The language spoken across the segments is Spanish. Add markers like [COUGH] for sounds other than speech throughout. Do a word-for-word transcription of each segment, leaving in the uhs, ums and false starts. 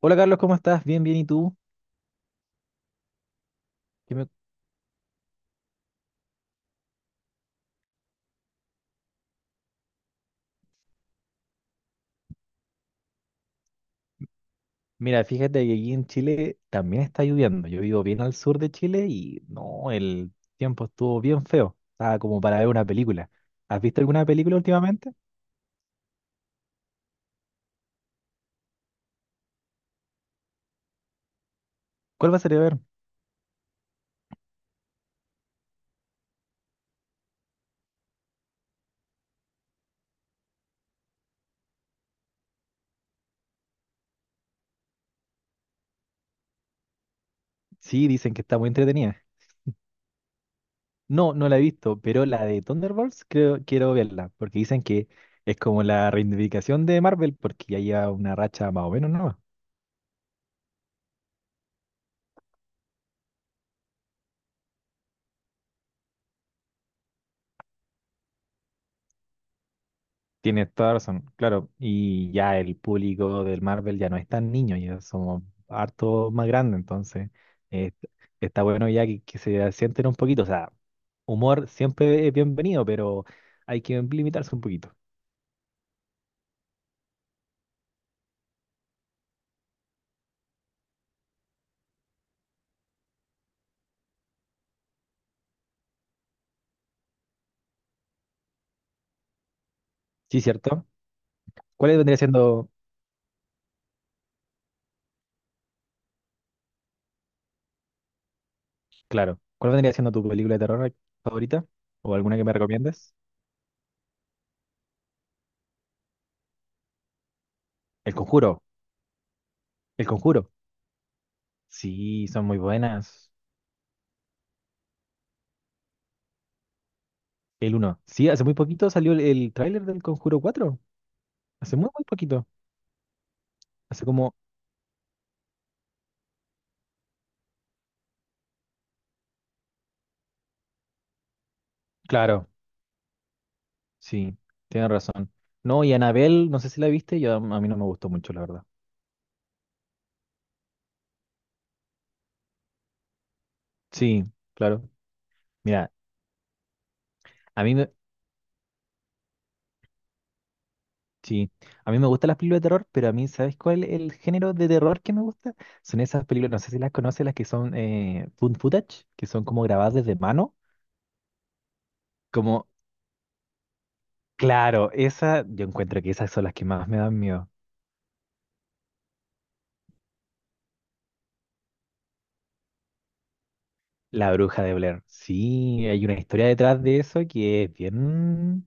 Hola Carlos, ¿cómo estás? Bien, bien, ¿y tú? ¿Qué me- Mira, fíjate que aquí en Chile también está lloviendo. Yo vivo bien al sur de Chile y no, el tiempo estuvo bien feo. Estaba como para ver una película. ¿Has visto alguna película últimamente? ¿Cuál vas a ver? Sí, dicen que está muy entretenida. No, no la he visto, pero la de Thunderbolts creo, quiero verla, porque dicen que es como la reivindicación de Marvel, porque ya lleva una racha más o menos, ¿no? Tiene toda razón, claro. Y ya el público del Marvel ya no es tan niño, ya somos harto más grandes, entonces eh, está bueno ya que, que se sienten un poquito. O sea, humor siempre es bienvenido, pero hay que limitarse un poquito. Sí, cierto. ¿Cuál vendría siendo, claro, ¿cuál vendría siendo tu película de terror favorita? ¿O alguna que me recomiendes? El Conjuro. El Conjuro. Sí, son muy buenas. El uno. Sí, hace muy poquito salió el, el tráiler del Conjuro cuatro. Hace muy, muy poquito. Hace como... Claro, sí, tienes razón. No, y Anabel, no sé si la viste, yo a mí no me gustó mucho, la verdad. Sí, claro. Mira, a mí me, sí, a mí me gustan las películas de terror, pero a mí, ¿sabes cuál es el género de terror que me gusta? Son esas películas, no sé si las conoces, las que son eh, found footage, que son como grabadas desde mano. Como, claro, esa, yo encuentro que esas son las que más me dan miedo. La bruja de Blair. Sí, hay una historia detrás de eso que es bien,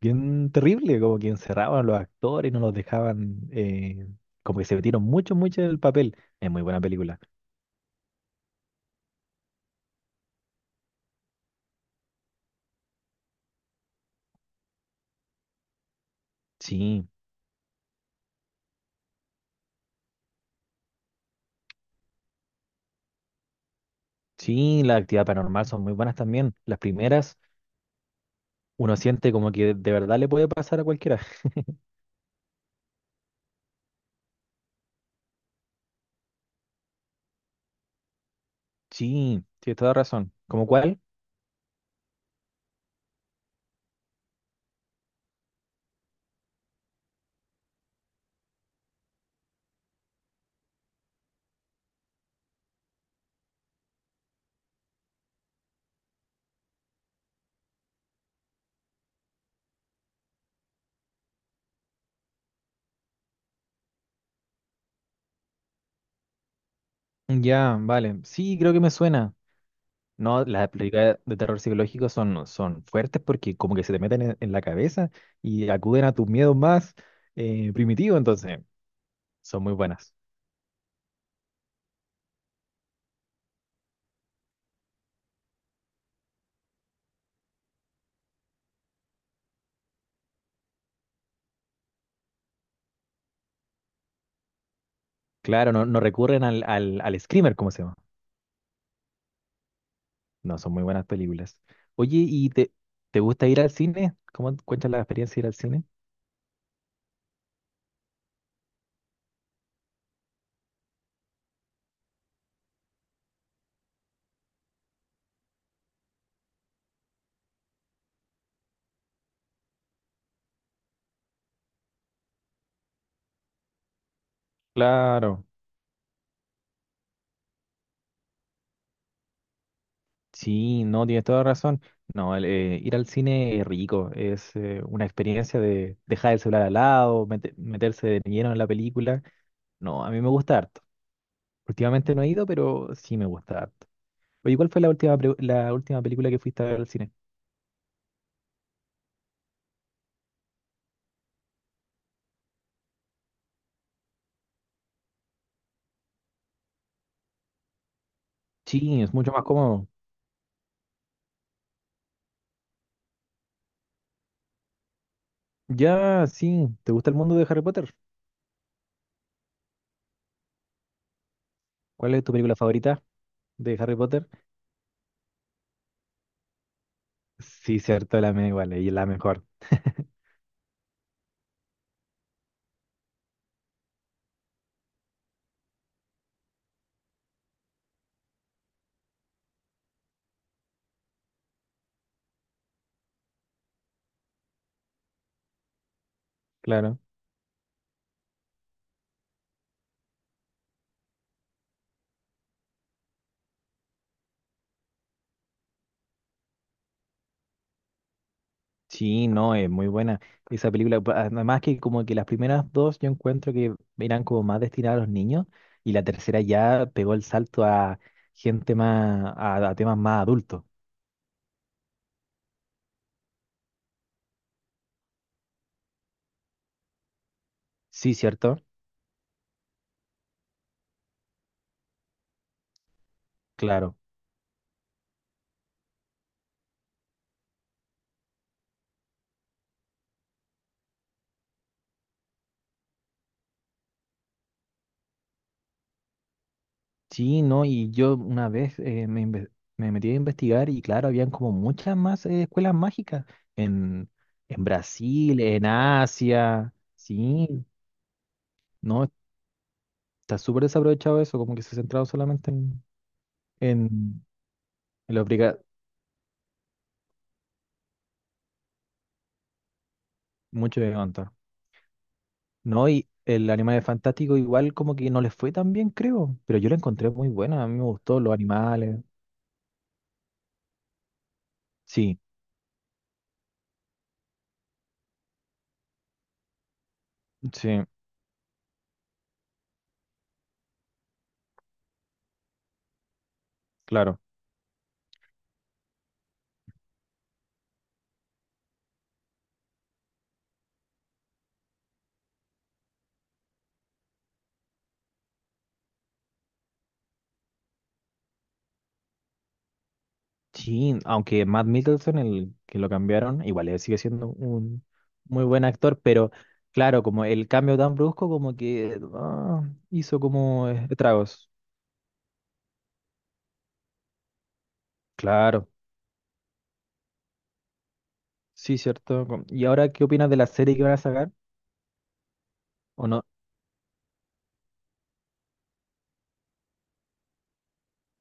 bien terrible, como que encerraban a los actores y no los dejaban, eh, como que se metieron mucho, mucho en el papel. Es muy buena película. Sí, sí, las actividades paranormal son muy buenas también. Las primeras, uno siente como que de verdad le puede pasar a cualquiera. Sí, tienes toda razón. ¿Como cuál? Ya, vale. Sí, creo que me suena. No, las películas de terror psicológico son, son fuertes porque como que se te meten en, en la cabeza y acuden a tus miedos más eh, primitivos, entonces son muy buenas. Claro, no, no recurren al, al, al screamer, ¿cómo se llama? No, son muy buenas películas. Oye, ¿y te, te gusta ir al cine? ¿Cómo cuentas la experiencia de ir al cine? Claro, sí, no, tienes toda razón. No, el, eh, ir al cine es rico, es eh, una experiencia de dejar el celular al lado, mete- meterse de lleno en la película. No, a mí me gusta harto. Últimamente no he ido, pero sí me gusta harto. Oye, ¿cuál fue la última, pre- la última película que fuiste a ver al cine? Sí, es mucho más cómodo. Ya, sí, ¿te gusta el mundo de Harry Potter? ¿Cuál es tu película favorita de Harry Potter? Sí, cierto, la me igual, y la mejor. [LAUGHS] Claro. Sí, no, es muy buena esa película. pa- Además que como que las primeras dos yo encuentro que eran como más destinadas a los niños y la tercera ya pegó el salto a gente más, a, a temas más adultos. Sí, cierto. Claro. Sí, no, y yo una vez eh, me, inve- me metí a investigar y claro, habían como muchas más eh, escuelas mágicas en, en Brasil, en Asia. Sí, no, está súper desaprovechado eso, como que se ha centrado solamente en, en, en lo briga- mucho de levantar. No, y el Animales Fantástico igual como que no les fue tan bien, creo, pero yo la encontré muy buena, a mí me gustó los animales. Sí, sí, claro. Sí, aunque Matt Middleton, el que lo cambiaron, igual él sigue siendo un muy buen actor, pero claro, como el cambio tan brusco como que ah, hizo como eh, estragos. Claro, sí, cierto. com- ¿Y ahora qué opinas de la serie que van a sacar? ¿O no,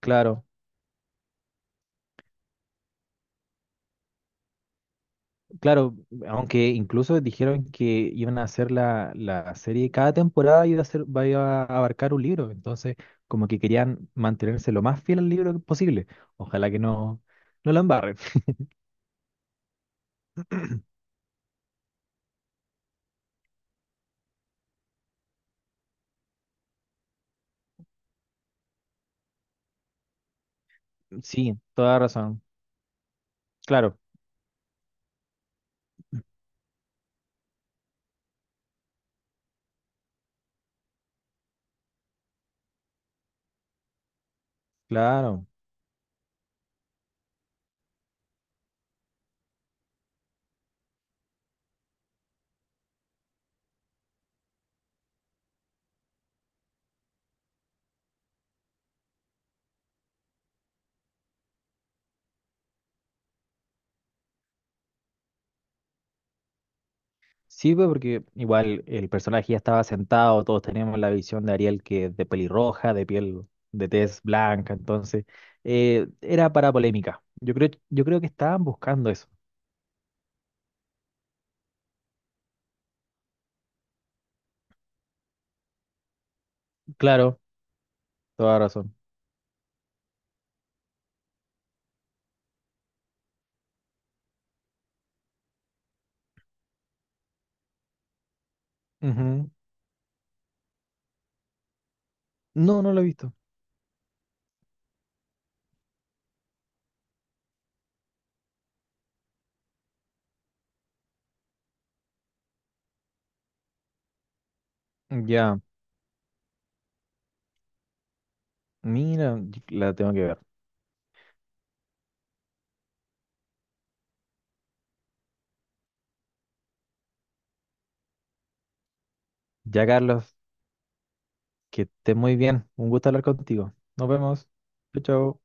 Claro, claro, aunque incluso dijeron que iban a hacer la, la serie, cada temporada iba a ser, va- iba a abarcar un libro, entonces como que querían mantenerse lo más fiel al libro posible. Ojalá que no, no la embarren. [LAUGHS] Sí, toda razón. Claro, claro. Sí, pues, porque igual el personaje ya estaba sentado, todos teníamos la visión de Ariel que es de pelirroja, de piel, de tez blanca, entonces eh, era para polémica. Yo creo, yo creo que estaban buscando eso. Claro, toda razón. Ujú. No, no lo he visto. Ya, mira, y- la tengo que ver. Ya, Carlos, que estés muy bien. Un gusto hablar contigo. Nos vemos. Chao, chao.